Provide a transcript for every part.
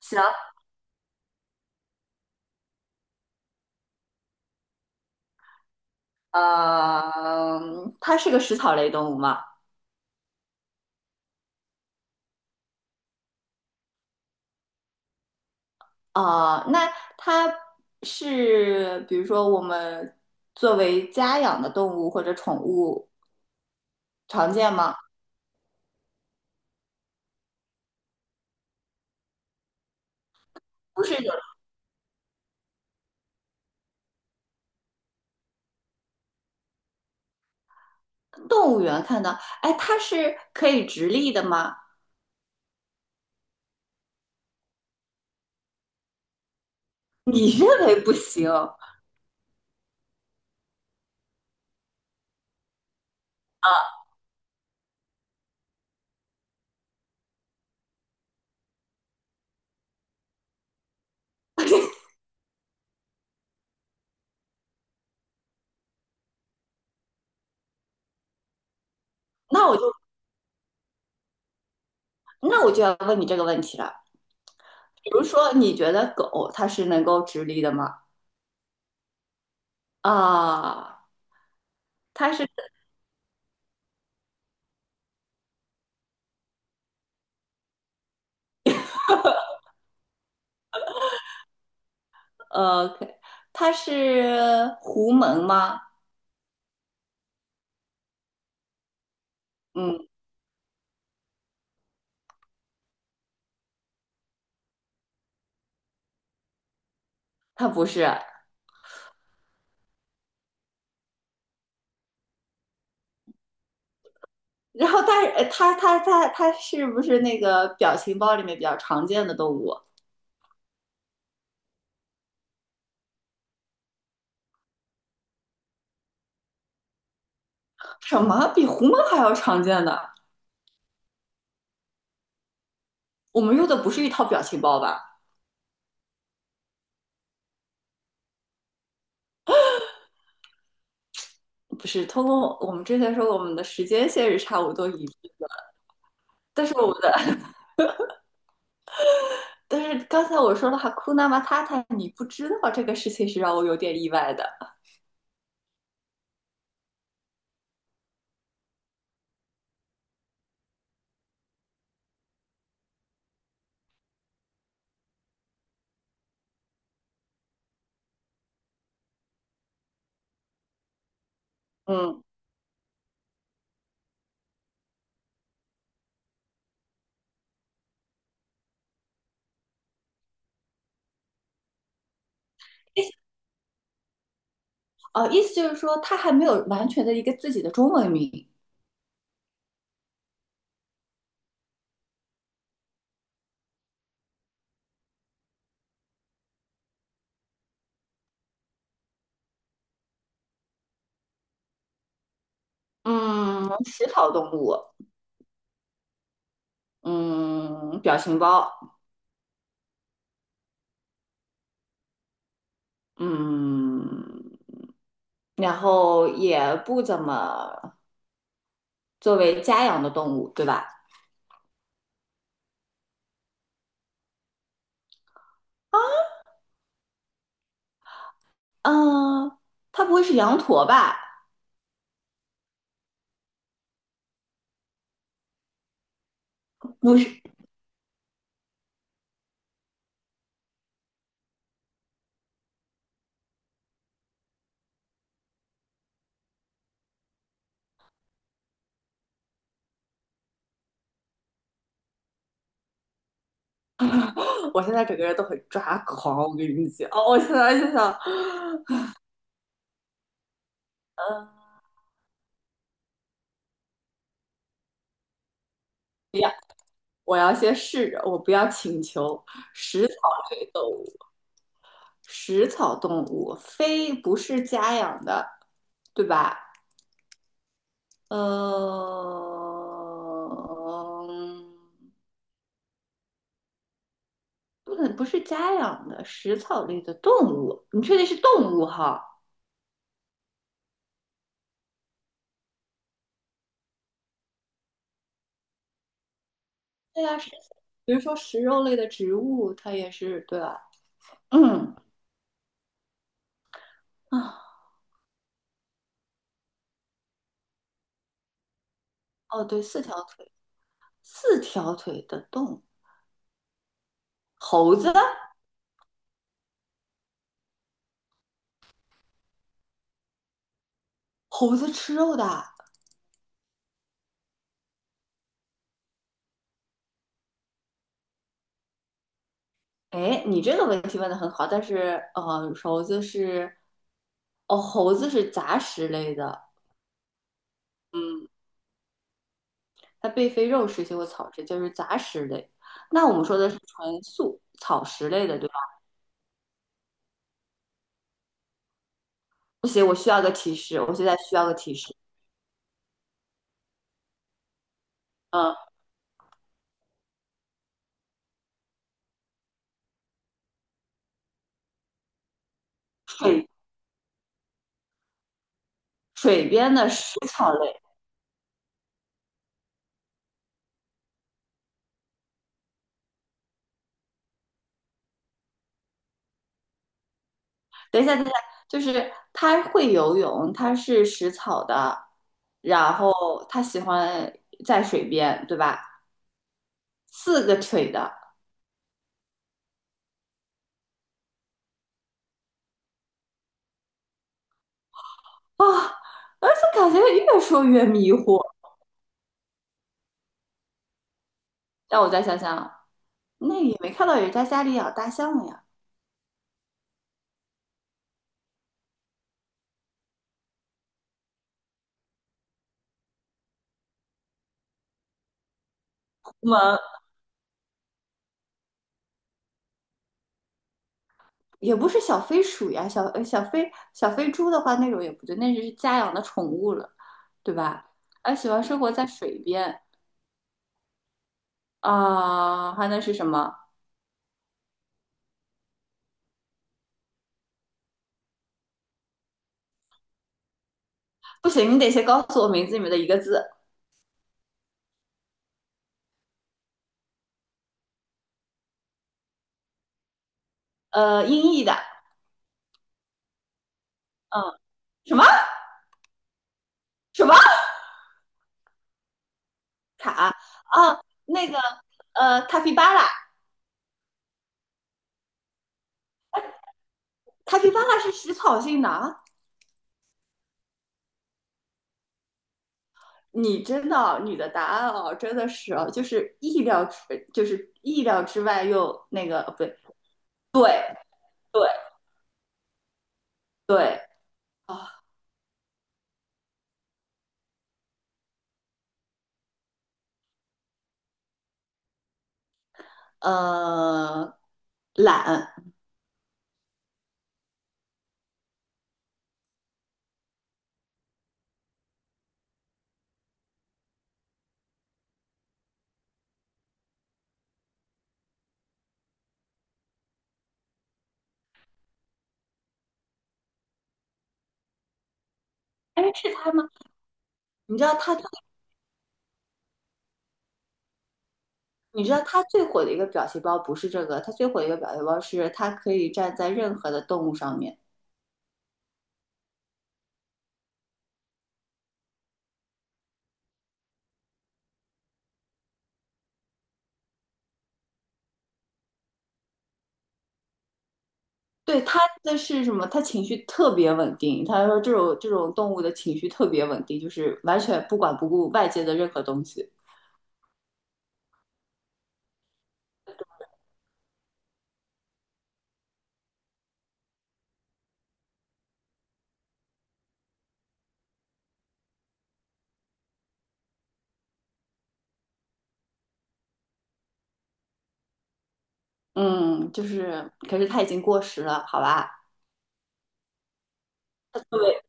行，呃，它是个食草类动物吗？啊、那它是，比如说我们作为家养的动物或者宠物常见吗？不是有动物园看到。哎，它是可以直立的吗？你认为不行，啊？那我就那我就要问你这个问题了。比如说，你觉得狗它是能够直立的吗？啊，它是呃，它是狐獴吗？嗯。他不是。然后但是呃他他他它是不是那个表情包里面比较常见的动物？什么比狐獴还要常见的？我们用的不是一套表情包吧？不是，通过我们之前说我们的时间线是差不多一致的。但是我但是刚才我说了哈库纳马塔塔，你不知道这个事情是让我有点意外的。嗯，意思意思就是说他还没有完全的一个自己的中文名。嗯，食草动物。嗯，表情包。嗯。然后也不怎么作为家养的动物，对吧？嗯，它不会是羊驼吧？不是，我现在整个人都很抓狂，我跟你讲。哦，我现在就想，嗯，不要。我要先试着，我不要请求食草类动物，食草动物，非不是家养的，对吧？嗯，不能不是家养的食草类的动物，你确定是动物哈？对啊，比如说食肉类的植物，它也是对吧？嗯，啊，哦，对，四条腿。四条腿的动物，猴子，猴子吃肉的啊。哎，你这个问题问的很好，但是猴子是，哦，猴子是杂食类的。嗯，它并非肉食性或草食，就是杂食类。那我们说的是纯素草食类的，对吧？不行，我需要个提示，我现在需要个提示。嗯，水水边的食草类。等一下，等一下，就是它会游泳，它是食草的，然后它喜欢在水边，对吧？四个腿的啊，而且感觉越说越迷糊。让我再想想，那也没看到人家家里养大象呀，我们也不是小飞鼠呀，小飞猪的话那种也不对，那是家养的宠物了，对吧？而喜欢生活在水边啊，还能是什么？不行，你得先告诉我名字里面的一个字。音译的，嗯，什么什么啊？那个塔皮巴拉。塔皮巴拉是食草性的啊。你真的哦你的答案哦，真的是哦，就是意料之，就是意料之外又那个，不对，对对对啊。呃，懒。哎，是他吗？你知道他，你知道他最火的一个表情包不是这个，他最火的一个表情包是他可以站在任何的动物上面。对，他的是什么？他情绪特别稳定。他说这种动物的情绪特别稳定，就是完全不管不顾外界的任何东西。嗯，就是，可是他已经过时了，好吧？对，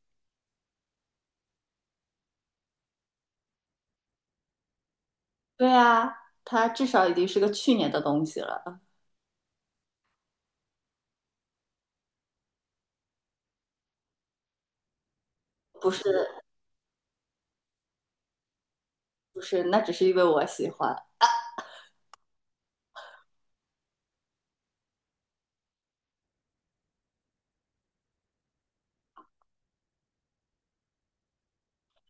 对啊，他至少已经是个去年的东西了。不是不是，那只是因为我喜欢。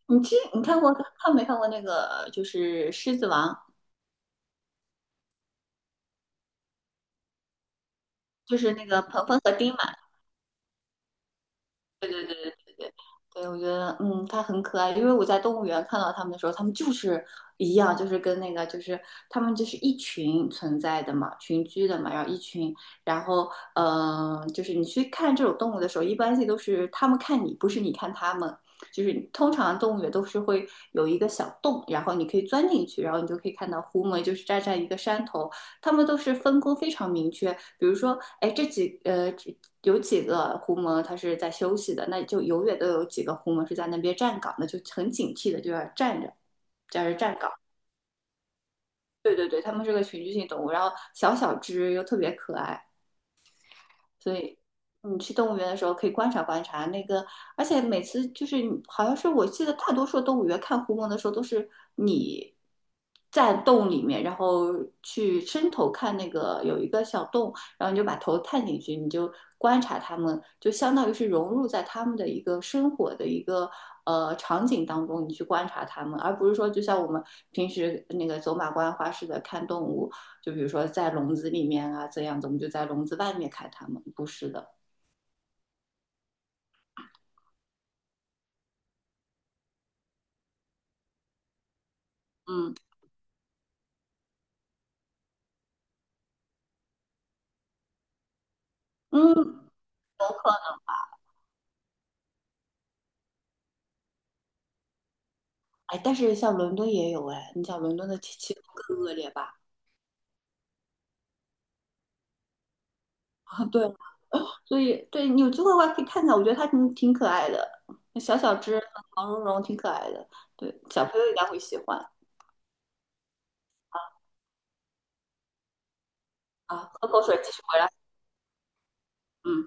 你这你看过看没看过那个就是《狮子王》，就是那个鹏鹏和丁满？对对对。对，我觉得，嗯，它很可爱，因为我在动物园看到它们的时候，它们就是一样，就是跟那个，就是它们就是一群存在的嘛，群居的嘛，然后一群，然后，就是你去看这种动物的时候，一般性都是它们看你，不是你看它们，就是通常动物园都是会有一个小洞，然后你可以钻进去，然后你就可以看到狐獴，就是站在一个山头，他们都是分工非常明确。比如说，哎，有几个狐獴它是在休息的，那就永远都有几个狐獴是在那边站岗的，就很警惕的就要站着，在这站岗。对对对，它们是个群居性动物，然后小小只又特别可爱，所以你去动物园的时候可以观察观察那个。而且每次就是好像是我记得大多数动物园看狐獴的时候都是你在洞里面，然后去伸头看那个有一个小洞，然后你就把头探进去，你就观察它们，就相当于是融入在它们的一个生活的一个场景当中，你去观察它们，而不是说就像我们平时那个走马观花似的看动物。就比如说在笼子里面啊这样子，我们就在笼子外面看它们，不是的，嗯嗯。哎，但是像伦敦也有哎，你想伦敦的气候更恶劣吧？啊，对，所以对你有机会的话可以看看，我觉得它挺挺可爱的，小小只，毛茸茸，挺可爱的，对，小朋友应该会喜欢。啊，喝口水，继续回来。嗯。